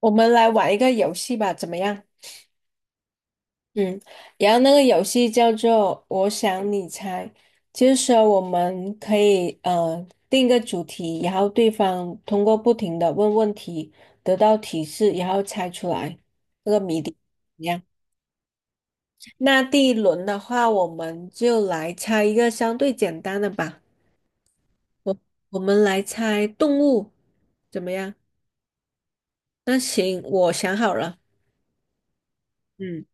我们来玩一个游戏吧，怎么样？嗯，然后那个游戏叫做“我想你猜”，就是说我们可以定一个主题，然后对方通过不停的问问题，得到提示，然后猜出来那个谜底。怎么样？那第一轮的话，我们就来猜一个相对简单的吧。我我们来猜动物，怎么样？那行，我想好了。嗯。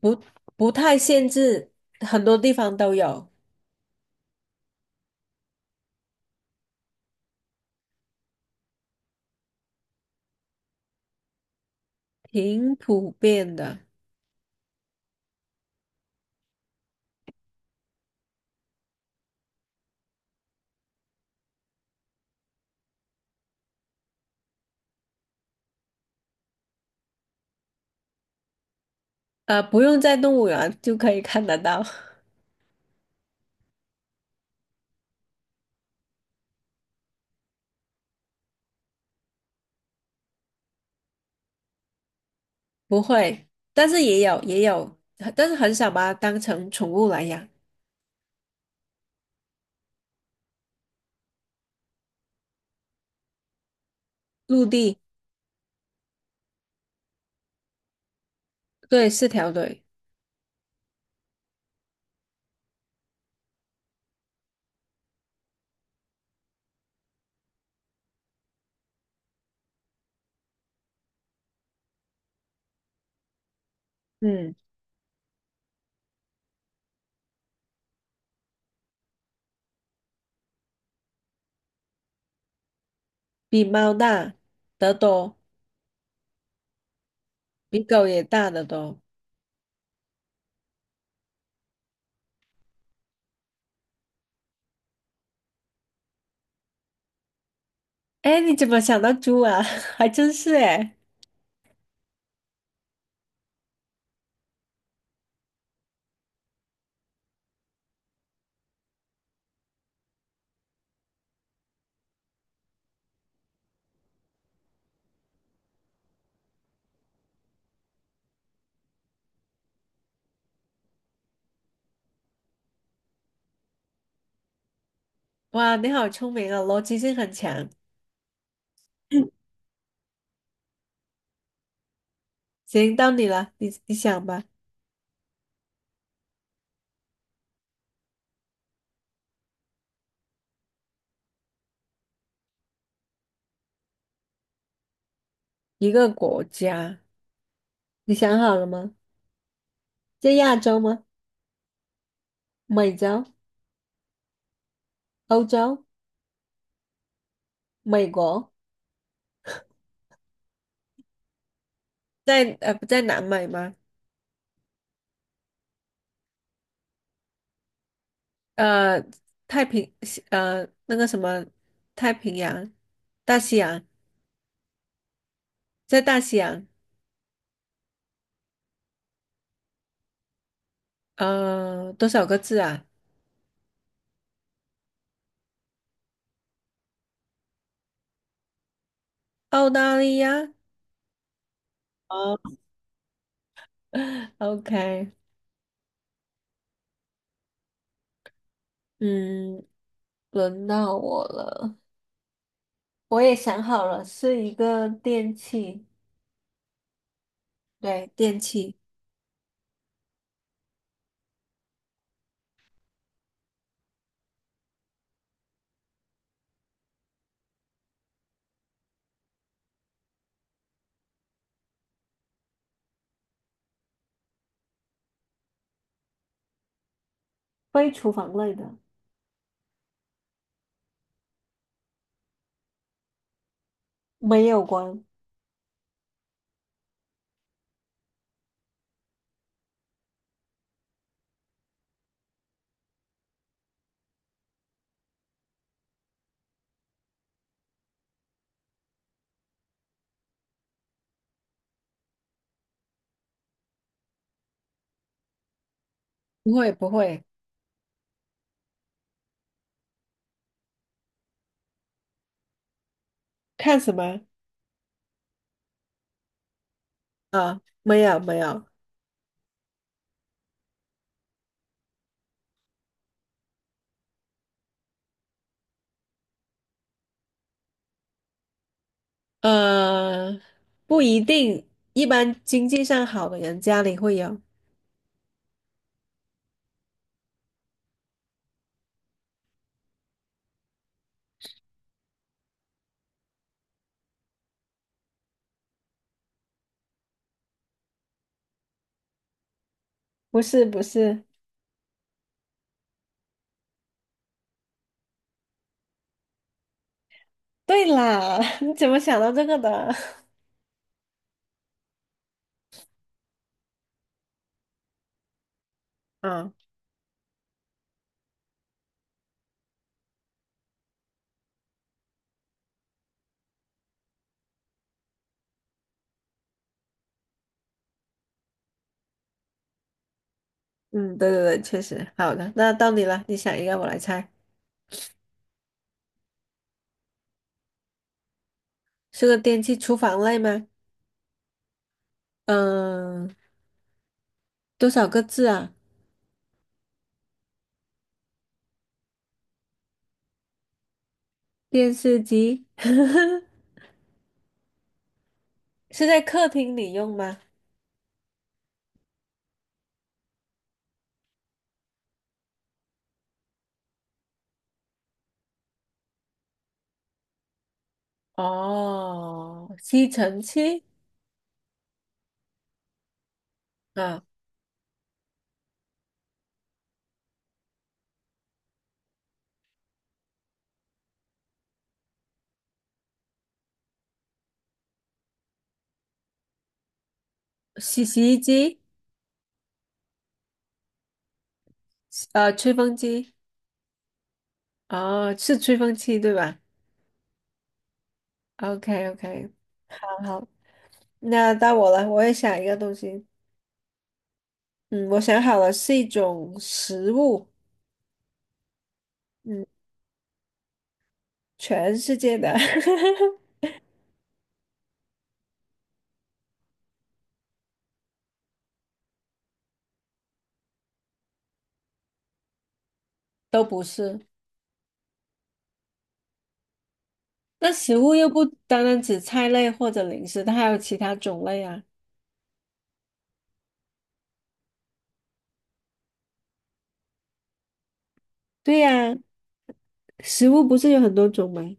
不不太限制，很多地方都有，挺普遍的。不用在动物园就可以看得到，不会，但是也有，但是很少把它当成宠物来养。陆地，对，四条腿，嗯，比猫大得多，比狗也大得多。哎，你怎么想到猪啊？还真是哎，哇，你好聪明啊，逻辑性很强。行，到你了，你想吧，一个国家，你想好了吗？在亚洲吗？美洲、欧洲、美国，在不在南美吗？呃，太平西那个什么太平洋、大西洋，在大西洋，多少个字啊？澳大利亚。哦 ，OK，嗯，轮到我了，我也想好了，是一个电器，对，电器。非厨房类的，没有关，不会不会，看什么？啊，没有没有，呃，不一定，一般经济上好的人家里会有。不是不是，对啦，你怎么想到这个的？啊，嗯，对对对，确实。好的，那到你了，你想一个，我来猜，是个电器，厨房类吗？嗯，多少个字啊？电视机 是在客厅里用吗？哦，吸尘器啊，洗衣机，吹风机。哦，是吹风机对吧？OK OK，好好，那到我了，我也想一个东西。嗯，我想好了，是一种食物。嗯，全世界的 都不是。那食物又不单单指菜类或者零食，它还有其他种类啊。对呀，食物不是有很多种吗？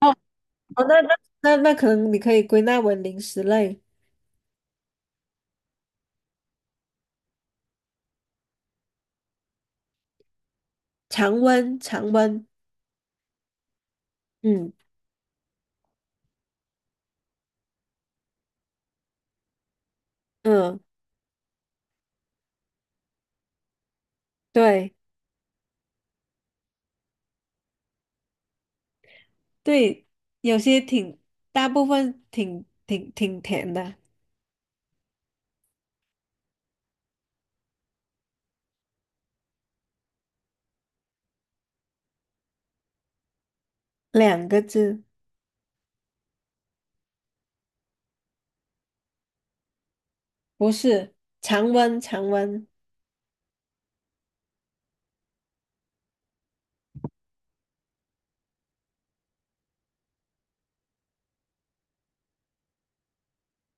哦，哦那那那那可能你可以归纳为零食类，常温常温。嗯嗯，对。对，有些挺，大部分挺甜的，两个字，不是，常温常温，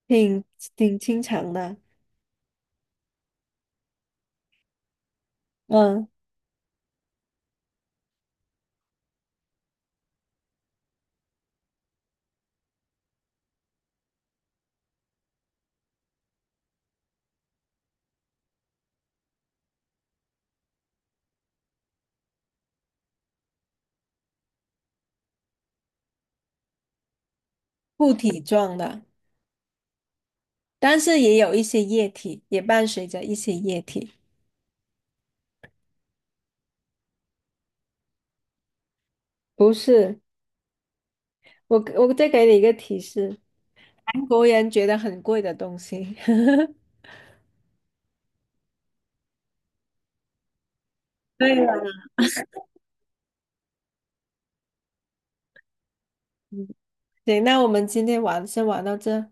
挺挺清长的，嗯，固体状的，但是也有一些液体，也伴随着一些液体。不是，我再给你一个提示，韩国人觉得很贵的东西。对了，嗯，对，那我们今天先玩到这，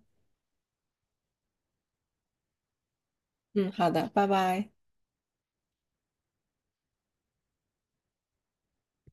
嗯，好的，拜拜。